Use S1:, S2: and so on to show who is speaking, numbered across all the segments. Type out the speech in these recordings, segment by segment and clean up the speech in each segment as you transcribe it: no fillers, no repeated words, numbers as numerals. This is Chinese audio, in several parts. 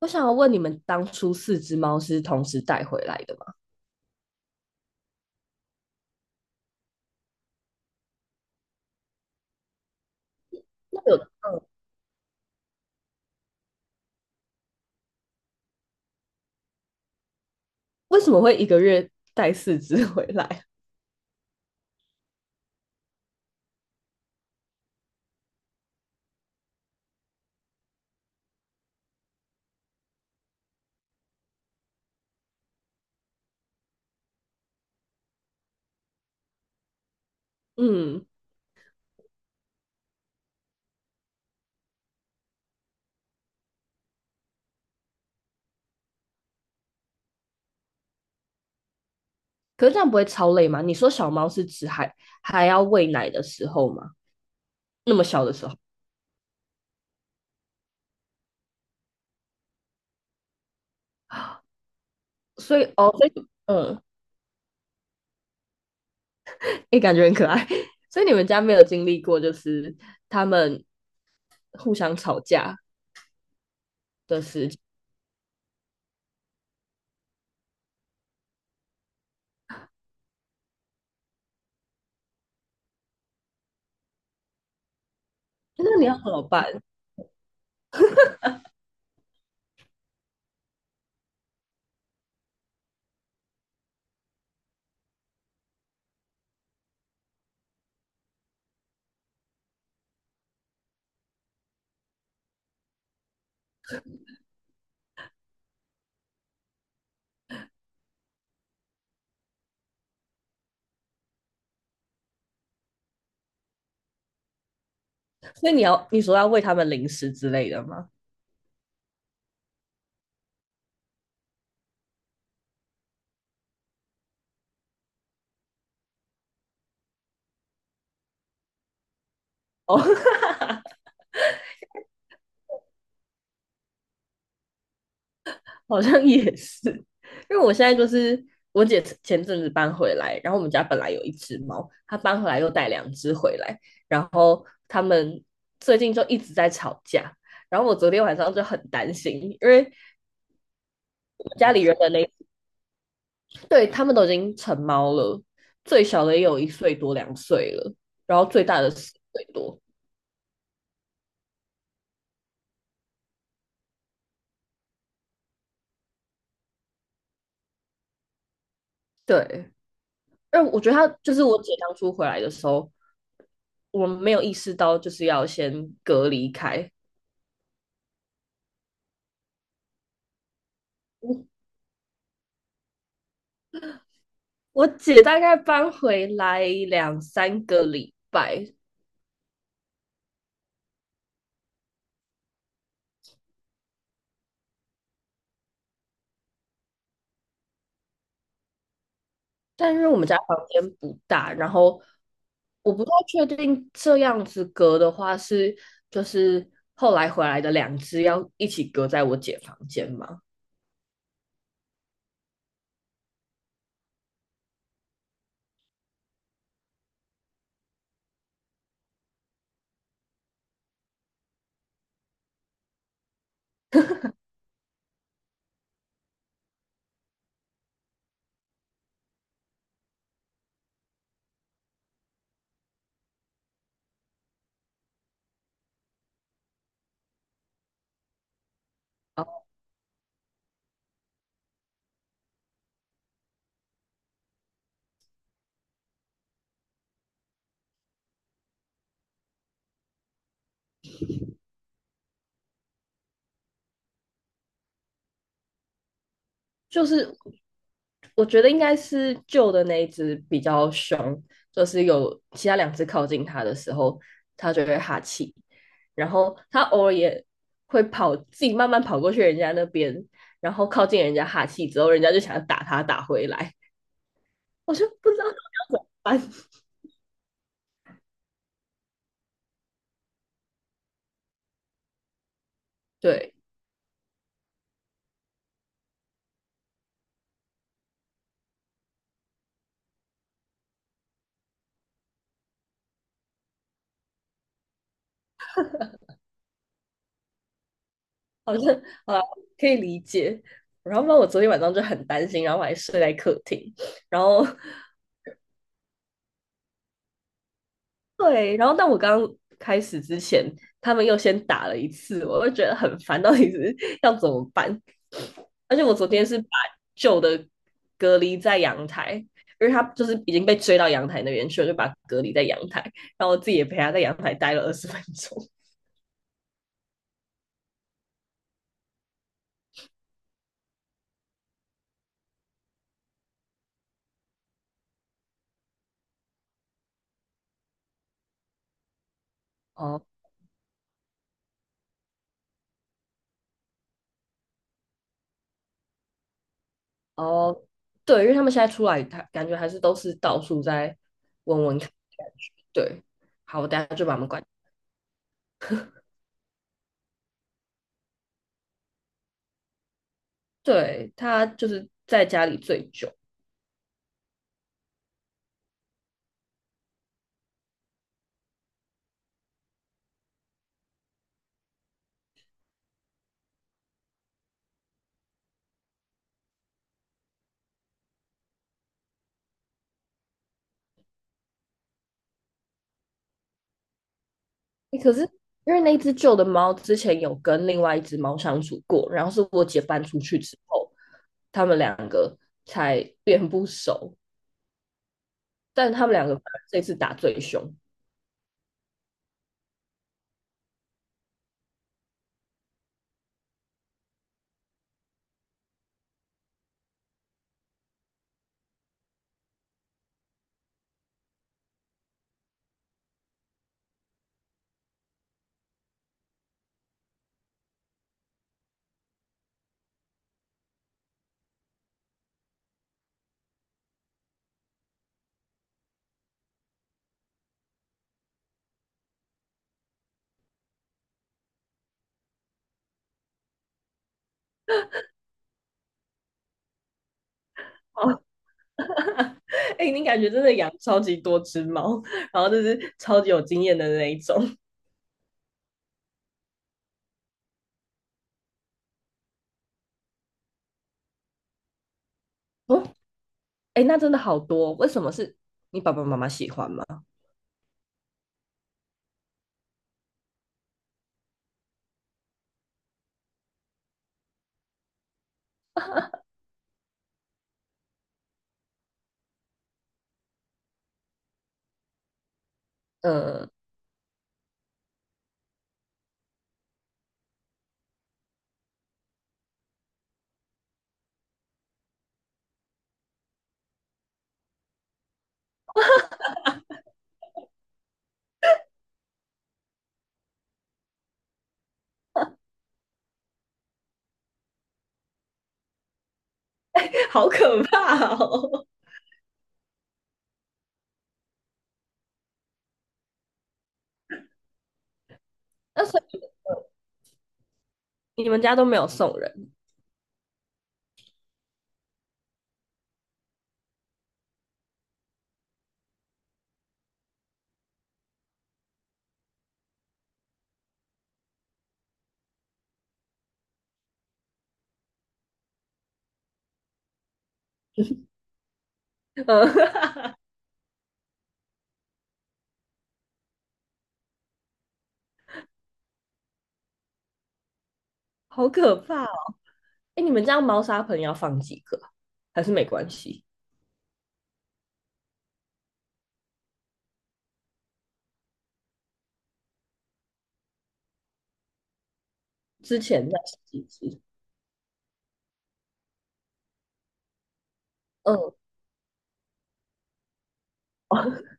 S1: 我想要问你们，当初四只猫是同时带回来的吗？那有，为什么会一个月带四只回来？嗯，可是这样不会超累吗？你说小猫是指还要喂奶的时候吗？那么小的时候，所以哦，所以嗯，也欸感觉很可爱。所以你们家没有经历过，就是他们互相吵架的事情，那你要怎么办？所以你说要喂他们零食之类的吗？哦，哈哈哈 好像也是，因为我现在就是我姐前阵子搬回来，然后我们家本来有一只猫，她搬回来又带两只回来，然后他们最近就一直在吵架，然后我昨天晚上就很担心，因为家里人的那对他们都已经成猫了，最小的也有一岁多两岁了，然后最大的四岁多，对，因为我觉得她就是我姐当初回来的时候，我们没有意识到就是要先隔离开。我姐大概搬回来两三个礼拜，但是我们家房间不大，然后我不太确定这样子隔的话是就是后来回来的两只要一起隔在我姐房间吗？就是我觉得应该是旧的那一只比较凶，就是有其他两只靠近它的时候，它就会哈气，然后它偶尔也会跑，自己慢慢跑过去人家那边，然后靠近人家哈气之后，人家就想要打它打回来，我就不知道到要怎么办。对，好像啊可以理解。然后，不我昨天晚上就很担心，然后我还睡在客厅，然后对，然后但我刚开始之前，他们又先打了一次，我就觉得很烦，到底是要怎么办？而且我昨天是把旧的隔离在阳台，因为他就是已经被追到阳台那边去了，就把隔离在阳台，然后我自己也陪他在阳台待了20分钟。哦哦，对，因为他们现在出来，他感觉还是都是到处在闻闻看的感觉对，好，我等下就把门关。对，他就是在家里最久。欸可是因为那只旧的猫之前有跟另外一只猫相处过，然后是我姐搬出去之后，他们两个才变不熟，但他们两个这次打最凶。哦，哎、欸你感觉真的养超级多只猫，然后就是超级有经验的那一种，哦，哎、欸那真的好多，为什么是你爸爸妈妈喜欢吗？嗯，好可怕哦！那所以你们家都没有送人，嗯，好可怕哎，你们家猫砂盆要放几个啊还是没关系？之前在洗几只？嗯，哦，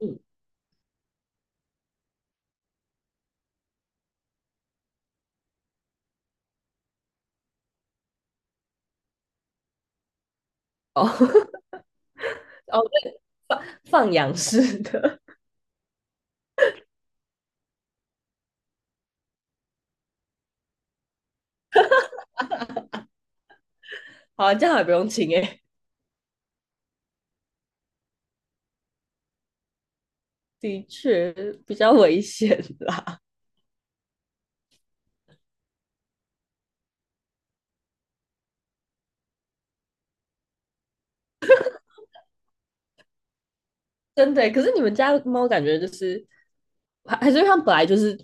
S1: 嗯，哦，哦，对，放养式的，好啊，这样还不用清哎、欸的确比较危险啦，真的欸、可是你们家猫感觉就是，还是因为它们本来就是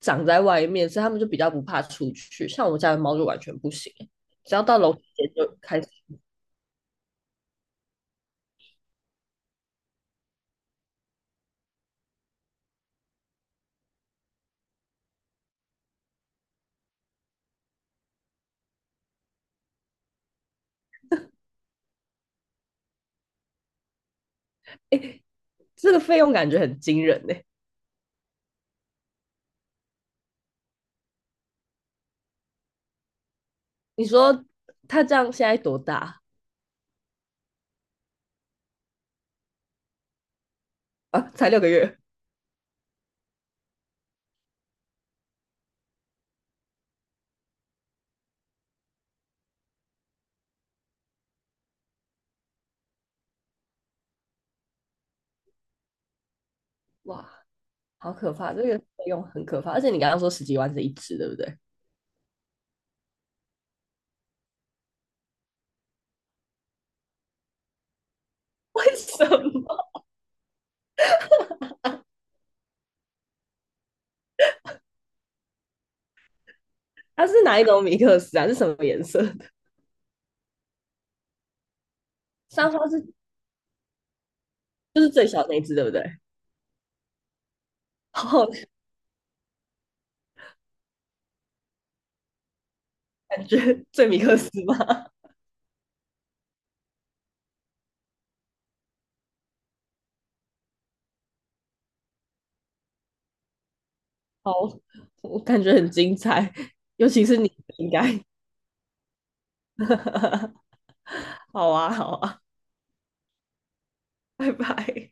S1: 长在外面，所以它们就比较不怕出去。像我家的猫就完全不行欸、只要到楼梯间就开始。这个费用感觉很惊人呢、你说它这样现在多大啊？才6个月。哇，好可怕，这个费用很可怕。而且你刚刚说十几万是一只，对不对？为什么？它是哪一种米克斯啊？是什么颜色的？三花是就是最小那一只，对不对？好，感觉最米克斯吗？好，我感觉很精彩，尤其是你应该。好啊，好啊，拜拜。